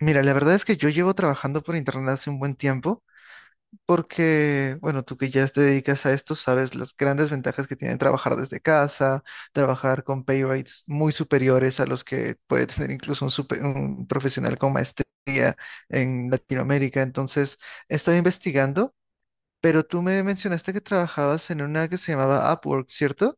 Mira, la verdad es que yo llevo trabajando por internet hace un buen tiempo porque, bueno, tú que ya te dedicas a esto, sabes las grandes ventajas que tiene trabajar desde casa, trabajar con pay rates muy superiores a los que puede tener incluso un profesional con maestría en Latinoamérica. Entonces, he estado investigando, pero tú me mencionaste que trabajabas en una que se llamaba Upwork, ¿cierto?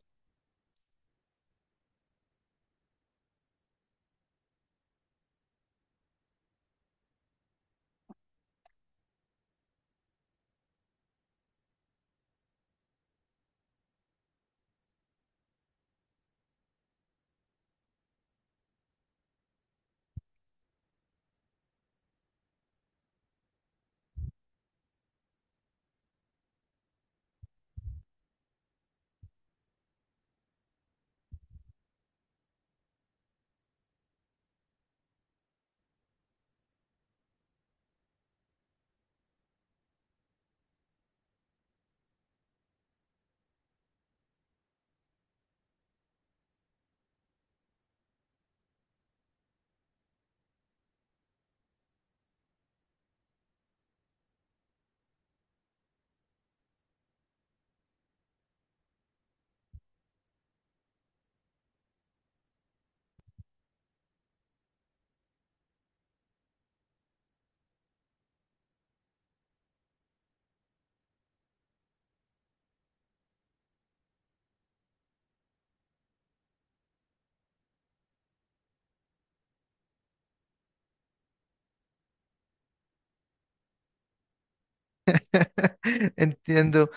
Entiendo.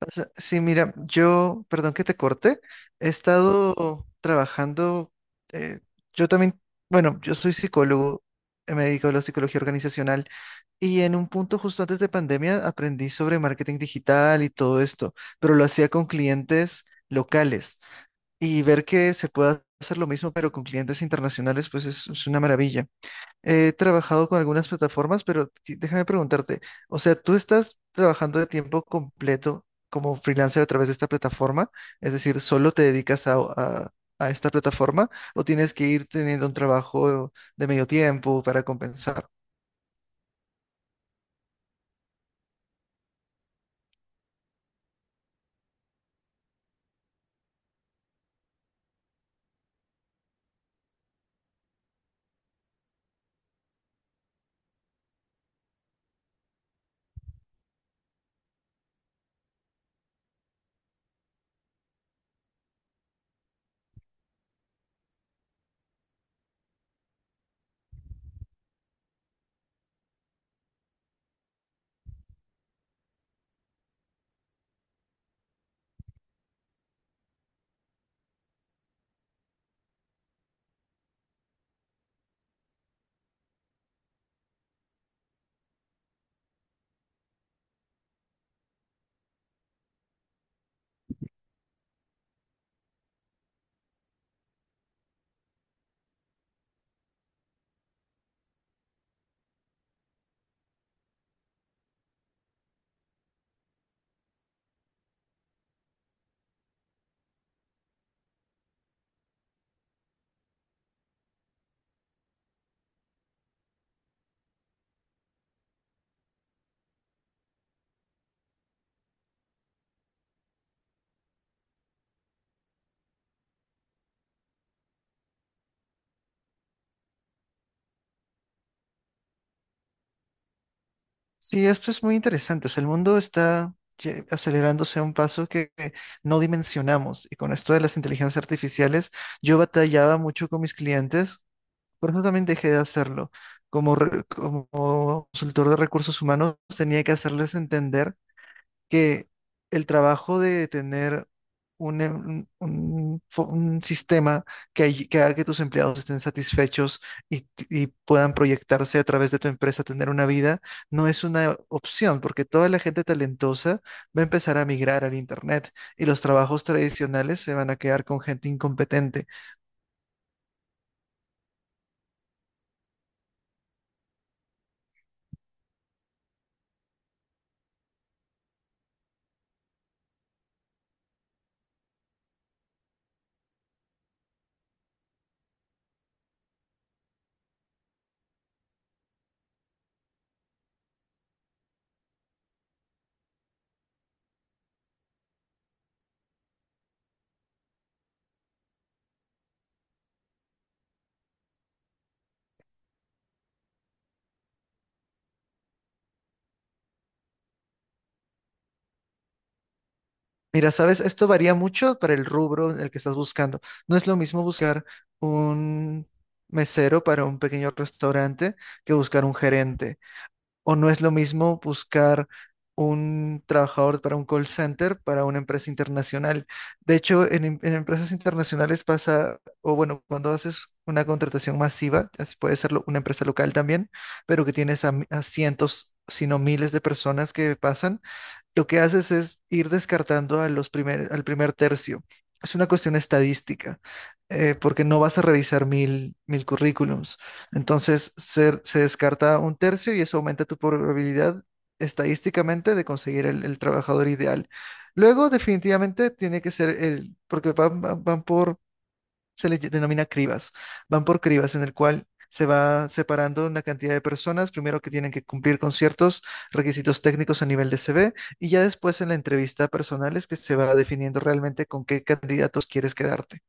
O sea, sí, mira, yo, perdón que te corte, he estado trabajando, eh, yo también, bueno, yo soy psicólogo, me dedico a la psicología organizacional y en un punto justo antes de pandemia aprendí sobre marketing digital y todo esto, pero lo hacía con clientes locales y ver que se puede hacer lo mismo pero con clientes internacionales, pues es una maravilla. He trabajado con algunas plataformas, pero déjame preguntarte, o sea, ¿tú estás trabajando de tiempo completo como freelancer a través de esta plataforma? Es decir, ¿solo te dedicas a esta plataforma o tienes que ir teniendo un trabajo de medio tiempo para compensar? Sí, esto es muy interesante. O sea, el mundo está acelerándose a un paso que no dimensionamos. Y con esto de las inteligencias artificiales, yo batallaba mucho con mis clientes. Por eso también dejé de hacerlo. Como consultor de recursos humanos, tenía que hacerles entender que el trabajo de tener un, em- un- fo- un sistema que haga que tus empleados estén satisfechos y puedan proyectarse a través de tu empresa, tener una vida, no es una opción, porque toda la gente talentosa va a empezar a migrar al Internet y los trabajos tradicionales se van a quedar con gente incompetente. Mira, sabes, esto varía mucho para el rubro en el que estás buscando. No es lo mismo buscar un mesero para un pequeño restaurante que buscar un gerente. O no es lo mismo buscar un trabajador para un call center para una empresa internacional. De hecho, en empresas internacionales pasa, o bueno, cuando haces una contratación masiva, ya se puede ser una empresa local también, pero que tienes a cientos, si no miles de personas que pasan. Lo que haces es ir descartando al primer tercio. Es una cuestión estadística, porque no vas a revisar mil, mil currículums. Entonces, se descarta un tercio y eso aumenta tu probabilidad estadísticamente de conseguir el trabajador ideal. Luego, definitivamente, tiene que ser el, porque van por, se denomina cribas. Van por cribas en el cual se va separando una cantidad de personas, primero que tienen que cumplir con ciertos requisitos técnicos a nivel de CV y ya después en la entrevista personal es que se va definiendo realmente con qué candidatos quieres quedarte.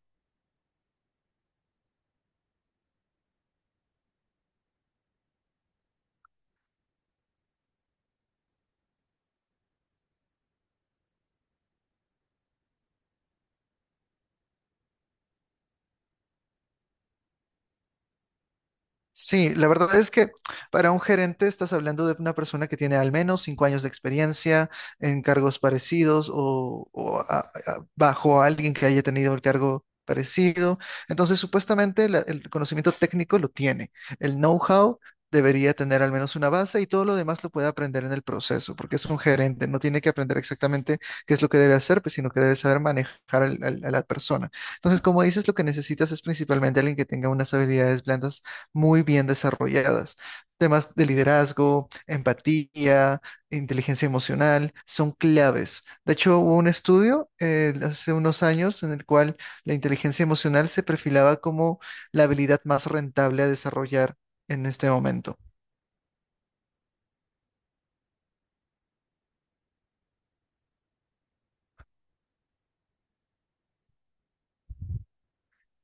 Sí, la verdad es que para un gerente estás hablando de una persona que tiene al menos 5 años de experiencia en cargos parecidos o bajo a alguien que haya tenido el cargo parecido. Entonces, supuestamente el conocimiento técnico lo tiene. El know-how debería tener al menos una base y todo lo demás lo puede aprender en el proceso, porque es un gerente, no tiene que aprender exactamente qué es lo que debe hacer, pues, sino que debe saber manejar a la persona. Entonces, como dices, lo que necesitas es principalmente alguien que tenga unas habilidades blandas muy bien desarrolladas. Temas de liderazgo, empatía, inteligencia emocional son claves. De hecho, hubo un estudio hace unos años en el cual la inteligencia emocional se perfilaba como la habilidad más rentable a desarrollar en este momento.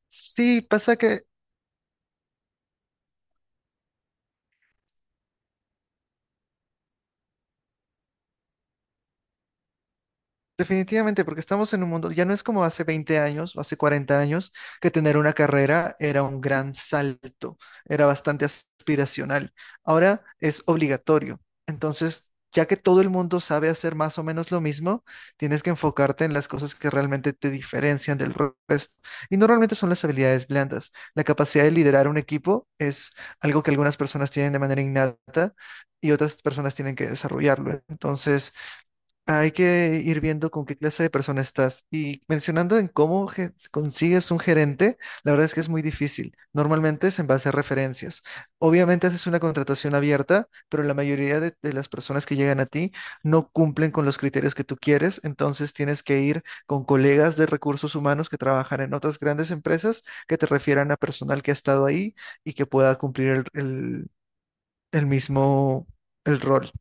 Sí, pasa que definitivamente, porque estamos en un mundo, ya no es como hace 20 años o hace 40 años, que tener una carrera era un gran salto, era bastante aspiracional. Ahora es obligatorio. Entonces, ya que todo el mundo sabe hacer más o menos lo mismo, tienes que enfocarte en las cosas que realmente te diferencian del resto. Y normalmente son las habilidades blandas. La capacidad de liderar un equipo es algo que algunas personas tienen de manera innata y otras personas tienen que desarrollarlo. Entonces, hay que ir viendo con qué clase de persona estás. Y mencionando en cómo consigues un gerente, la verdad es que es muy difícil. Normalmente es en base a referencias. Obviamente haces una contratación abierta, pero la mayoría de las personas que llegan a ti no cumplen con los criterios que tú quieres. Entonces tienes que ir con colegas de recursos humanos que trabajan en otras grandes empresas que te refieran a personal que ha estado ahí y que pueda cumplir el mismo, el rol.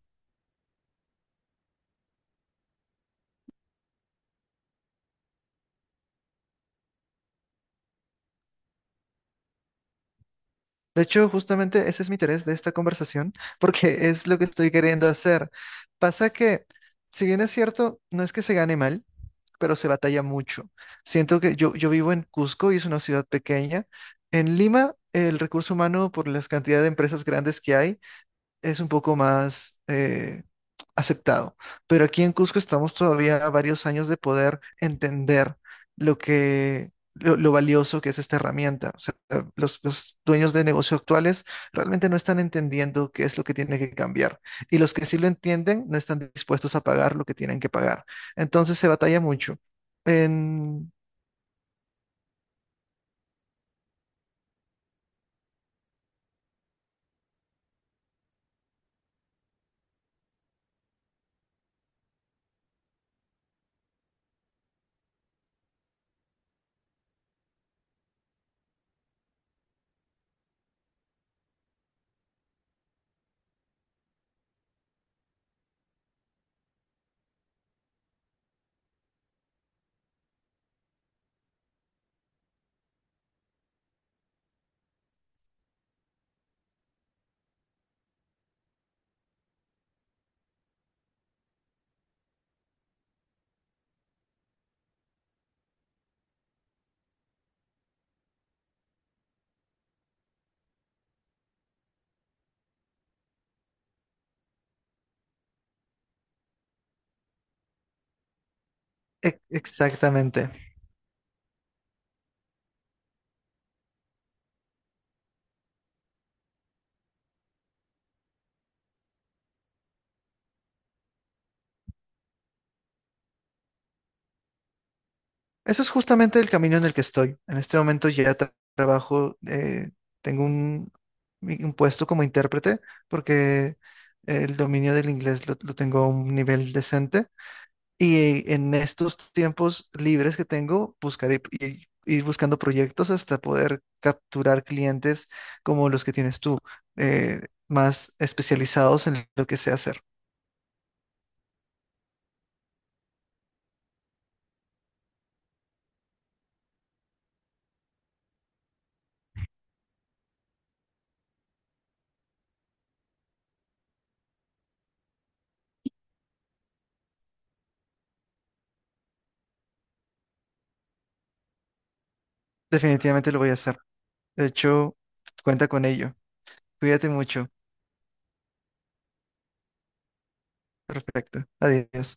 De hecho, justamente ese es mi interés de esta conversación, porque es lo que estoy queriendo hacer. Pasa que, si bien es cierto, no es que se gane mal, pero se batalla mucho. Siento que yo vivo en Cusco y es una ciudad pequeña. En Lima, el recurso humano, por las cantidad de empresas grandes que hay, es un poco más aceptado. Pero aquí en Cusco estamos todavía a varios años de poder entender lo valioso que es esta herramienta. O sea, los dueños de negocio actuales realmente no están entendiendo qué es lo que tiene que cambiar. Y los que sí lo entienden no están dispuestos a pagar lo que tienen que pagar. Entonces se batalla mucho. En... Exactamente. Eso es justamente el camino en el que estoy. En este momento ya trabajo, tengo un puesto como intérprete porque el dominio del inglés lo tengo a un nivel decente y en estos tiempos libres que tengo, buscaré ir buscando proyectos hasta poder capturar clientes como los que tienes tú, eh, más especializados en lo que sé hacer. Definitivamente lo voy a hacer. De hecho, cuenta con ello. Cuídate mucho. Perfecto. Adiós.